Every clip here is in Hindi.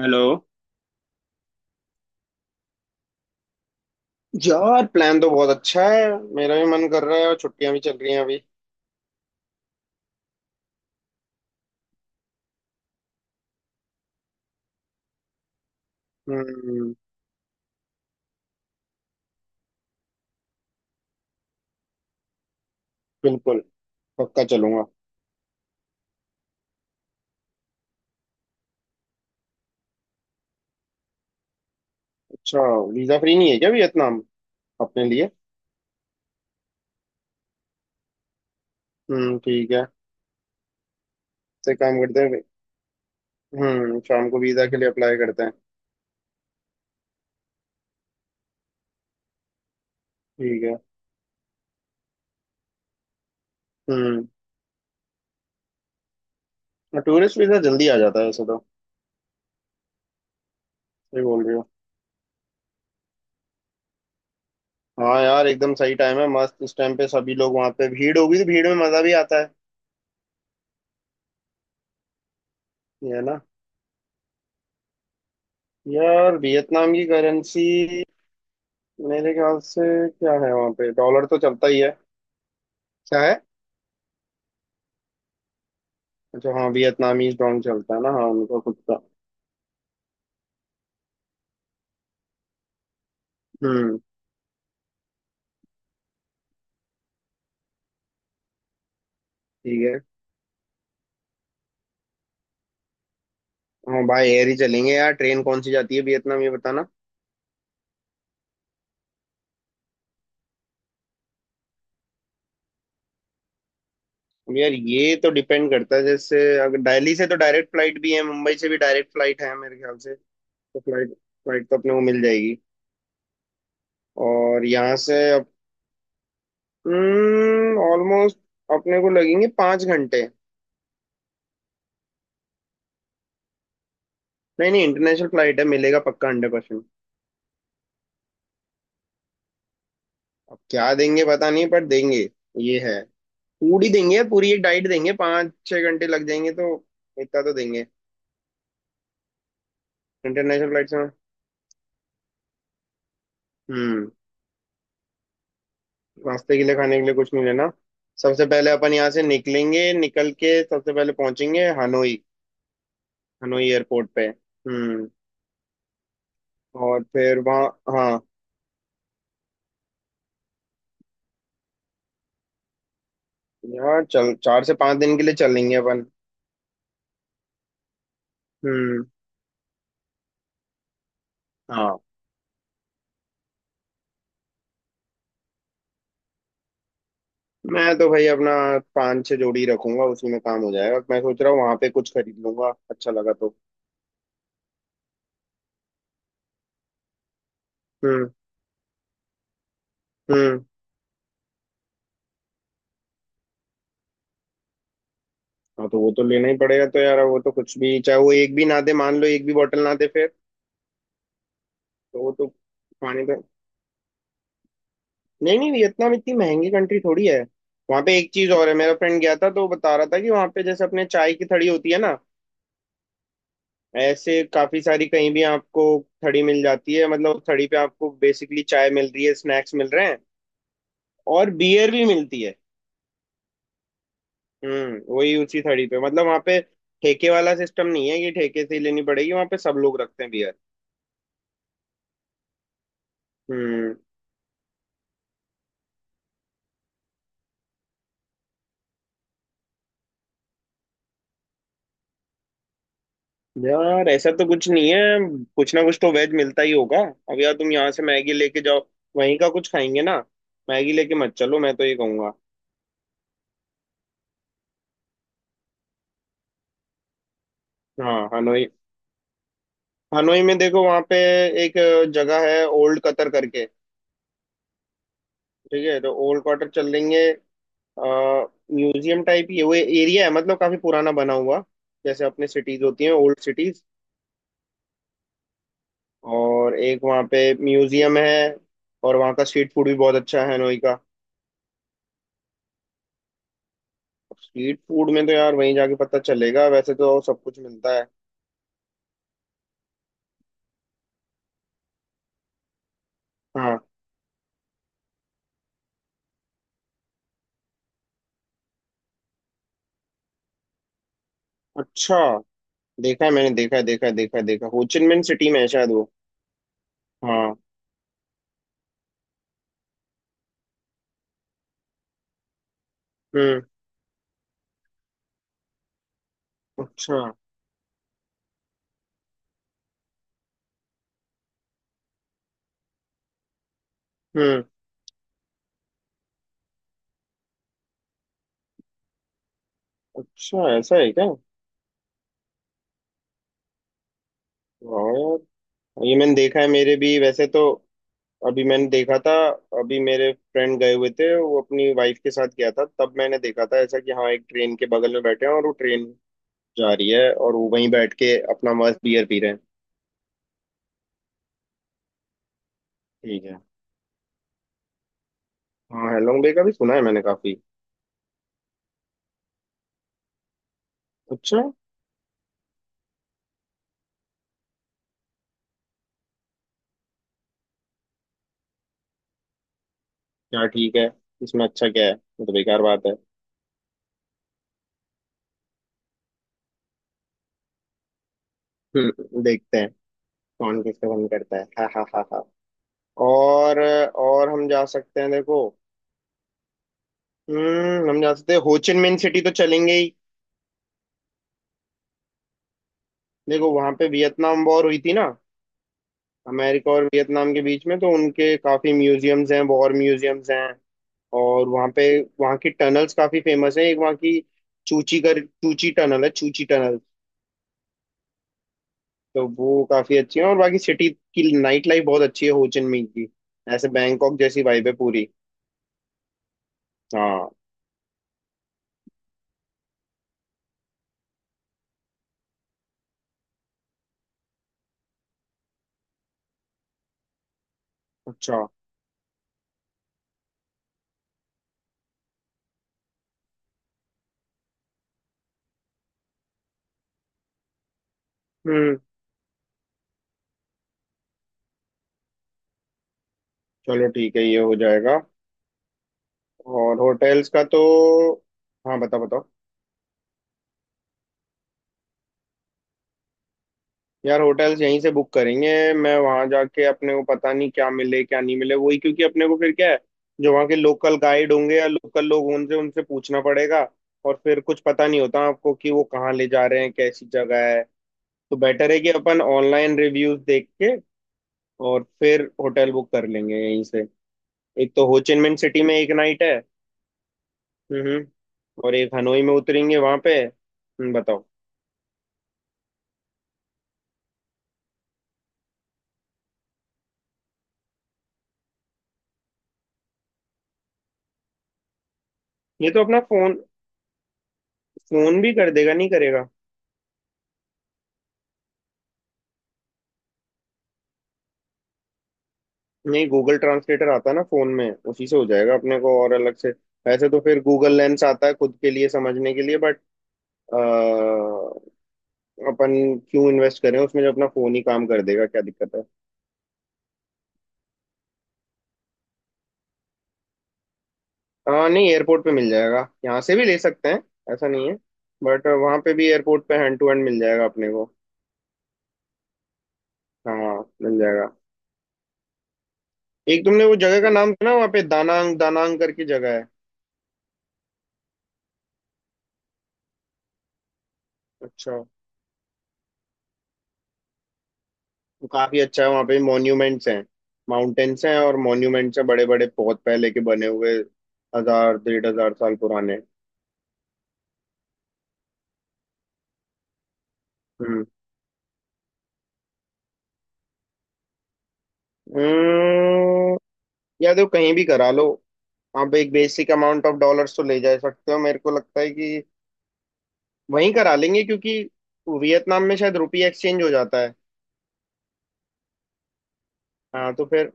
हेलो यार प्लान तो बहुत अच्छा है। मेरा भी मन कर रहा है और छुट्टियां भी चल रही हैं अभी। हम्म। बिल्कुल पक्का चलूंगा। अच्छा वीजा फ्री नहीं है क्या वियतनाम अपने लिए? हम्म। ठीक है। तो एक काम करते हैं। शाम को वीजा के लिए अप्लाई करते हैं। ठीक है। हम्म टूरिस्ट वीजा जल्दी आ जाता है ऐसे तो। सही बोल रही हो। हाँ यार एकदम सही टाइम है मस्त इस टाइम पे सभी लोग वहां पे भीड़ होगी तो भीड़ में मजा भी आता है। ये है ना? यार वियतनाम की करेंसी मेरे ख्याल से क्या है वहाँ पे डॉलर तो चलता ही है। क्या है? अच्छा हाँ वियतनामीज डोंग चलता है ना हाँ उनका खुद का। हम्म। ठीक है। हाँ भाई एयर ही चलेंगे यार ट्रेन कौन सी जाती है वियतनाम ये बताना। अब यार ये तो डिपेंड करता है जैसे अगर दिल्ली से तो डायरेक्ट फ्लाइट भी है मुंबई से भी डायरेक्ट फ्लाइट है मेरे ख्याल से। तो फ्लाइट फ्लाइट तो अपने को मिल जाएगी। और यहाँ से ऑलमोस्ट अपने को लगेंगे 5 घंटे। नहीं नहीं इंटरनेशनल फ्लाइट है मिलेगा पक्का 100%। अब क्या देंगे पता नहीं पर देंगे। ये है। पूरी देंगे पूरी एक डाइट देंगे 5 6 घंटे लग जाएंगे तो इतना तो देंगे इंटरनेशनल फ्लाइट में। हम्म। नाश्ते के लिए खाने के लिए कुछ नहीं लेना। सबसे पहले अपन यहाँ से निकलेंगे निकल के सबसे पहले पहुंचेंगे हनोई। हनोई एयरपोर्ट पे। हम्म। और फिर वहाँ। हाँ। यहाँ चल 4 से 5 दिन के लिए चलेंगे अपन। हम्म। हाँ। मैं तो भाई अपना 5 6 जोड़ी रखूंगा उसी में काम हो जाएगा मैं सोच रहा हूँ वहां पे कुछ खरीद लूंगा अच्छा लगा तो। हम्म। हम्म। हाँ तो वो तो लेना ही पड़ेगा तो यार वो तो कुछ भी चाहे वो एक भी ना दे मान लो एक भी बोतल ना दे फिर। तो वो तो पानी का। नहीं नहीं वियतनाम इतनी महंगी कंट्री थोड़ी है। वहां पे एक चीज और है मेरा फ्रेंड गया था तो वो बता रहा था कि वहां पे जैसे अपने चाय की थड़ी होती है ना। ऐसे काफी सारी कहीं भी आपको थड़ी मिल जाती है मतलब उस थड़ी पे आपको बेसिकली चाय मिल रही है स्नैक्स मिल रहे हैं और बियर भी मिलती है। वही उसी थड़ी पे मतलब वहां पे ठेके वाला सिस्टम नहीं है कि ठेके से ही लेनी पड़ेगी वहां पे सब लोग रखते हैं बियर। हम्म। यार ऐसा तो कुछ नहीं है कुछ ना कुछ तो वेज मिलता ही होगा। अब यार तुम यहाँ से मैगी लेके जाओ वहीं का कुछ खाएंगे ना। मैगी लेके मत चलो मैं तो ये कहूंगा। हाँ हनोई। हनोई में देखो वहाँ पे एक जगह है ओल्ड कतर करके। ठीक है तो ओल्ड कतर चल लेंगे म्यूजियम टाइप ये वो एरिया है मतलब काफी पुराना बना हुआ जैसे अपने सिटीज होती हैं ओल्ड सिटीज। और एक वहाँ पे म्यूजियम है और वहाँ का स्ट्रीट फूड भी बहुत अच्छा है हनोई का। स्ट्रीट फूड में तो यार वहीं जाके पता चलेगा वैसे तो सब कुछ मिलता है। हाँ। अच्छा। देखा है मैंने देखा है देखा है देखा है देखा हो चिन मिन सिटी में है शायद वो। हाँ। हम्म। अच्छा। हम्म। अच्छा ऐसा है क्या? वाह। यार ये मैंने देखा है मेरे भी वैसे तो अभी मैंने देखा था अभी मेरे फ्रेंड गए हुए थे वो अपनी वाइफ के साथ गया था तब मैंने देखा था ऐसा कि हाँ एक ट्रेन के बगल में बैठे हैं और वो ट्रेन जा रही है और वो वहीं बैठ के अपना मस्त बियर पी रहे हैं। ठीक है। हाँ हैलोंग बे का भी सुना है मैंने काफी। अच्छा। क्या ठीक है? इसमें अच्छा क्या है ये तो बेकार बात है। देखते हैं कौन किसका मन करता है। हा हा हा हा। और हम जा सकते हैं देखो। हम जा सकते हैं होचिन मिन सिटी तो चलेंगे ही। देखो वहां पे वियतनाम वॉर हुई थी ना अमेरिका और वियतनाम के बीच में तो उनके काफी म्यूजियम्स हैं वॉर म्यूजियम्स हैं। और वहाँ पे वहाँ की टनल्स काफी फेमस हैं एक वहाँ की चूची टनल है चूची टनल। तो वो काफी अच्छी है और बाकी सिटी की नाइट लाइफ बहुत अच्छी है हो चिन मिन्ह की। ऐसे बैंकॉक जैसी वाइब है पूरी। हाँ। अच्छा। हम्म। चलो ठीक है ये हो जाएगा। और होटल्स का तो। हाँ बताओ बताओ। यार होटल्स यहीं से बुक करेंगे मैं वहां जाके अपने को पता नहीं क्या मिले क्या नहीं मिले वही क्योंकि अपने को फिर क्या है जो वहाँ के लोकल गाइड होंगे या लोकल लोग होंगे उनसे उनसे पूछना पड़ेगा। और फिर कुछ पता नहीं होता आपको कि वो कहाँ ले जा रहे हैं कैसी जगह है। तो बेटर है कि अपन ऑनलाइन रिव्यूज देख के और फिर होटल बुक कर लेंगे यहीं से। एक तो हो चिन मिन सिटी में एक नाइट है। हम्म। और एक हनोई में उतरेंगे वहां पे। बताओ। ये तो अपना फोन फोन भी कर देगा नहीं करेगा। नहीं गूगल ट्रांसलेटर आता है ना फोन में उसी से हो जाएगा अपने को और अलग से। वैसे तो फिर गूगल लेंस आता है खुद के लिए समझने के लिए बट अपन क्यों इन्वेस्ट करें उसमें जब अपना फोन ही काम कर देगा क्या दिक्कत है। हाँ नहीं एयरपोर्ट पे मिल जाएगा यहाँ से भी ले सकते हैं ऐसा नहीं है। बट वहाँ पे भी एयरपोर्ट पे हैंड टू हैंड मिल जाएगा अपने को। हाँ मिल जाएगा। एक तुमने वो जगह का नाम सुना वहाँ पे दानांग दानांग करके जगह है। अच्छा। वो काफी अच्छा है वहाँ पे मॉन्यूमेंट्स हैं माउंटेन्स हैं और मॉन्यूमेंट्स हैं बड़े बड़े बहुत पहले के बने हुए 1000 1500 साल पुराने। हम्म। अम्म, या तो कहीं भी करा लो। आप एक बेसिक अमाउंट ऑफ डॉलर्स तो ले जा सकते हो मेरे को लगता है कि वहीं करा लेंगे क्योंकि वियतनाम में शायद रुपी एक्सचेंज हो जाता है। हाँ तो फिर।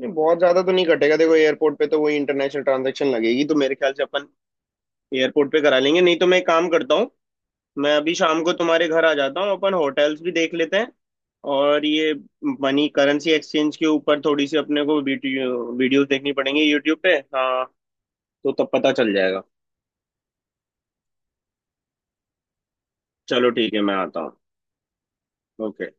नहीं बहुत ज्यादा तो नहीं कटेगा देखो एयरपोर्ट पे तो वही इंटरनेशनल ट्रांजैक्शन लगेगी तो मेरे ख्याल से अपन एयरपोर्ट पे करा लेंगे नहीं तो मैं एक काम करता हूँ। मैं अभी शाम को तुम्हारे घर आ जाता हूँ अपन होटल्स भी देख लेते हैं। और ये मनी करेंसी एक्सचेंज के ऊपर थोड़ी सी अपने को वीडियोस देखनी पड़ेंगी यूट्यूब पे हाँ। तो तब पता चल जाएगा। चलो ठीक है मैं आता हूँ। ओके।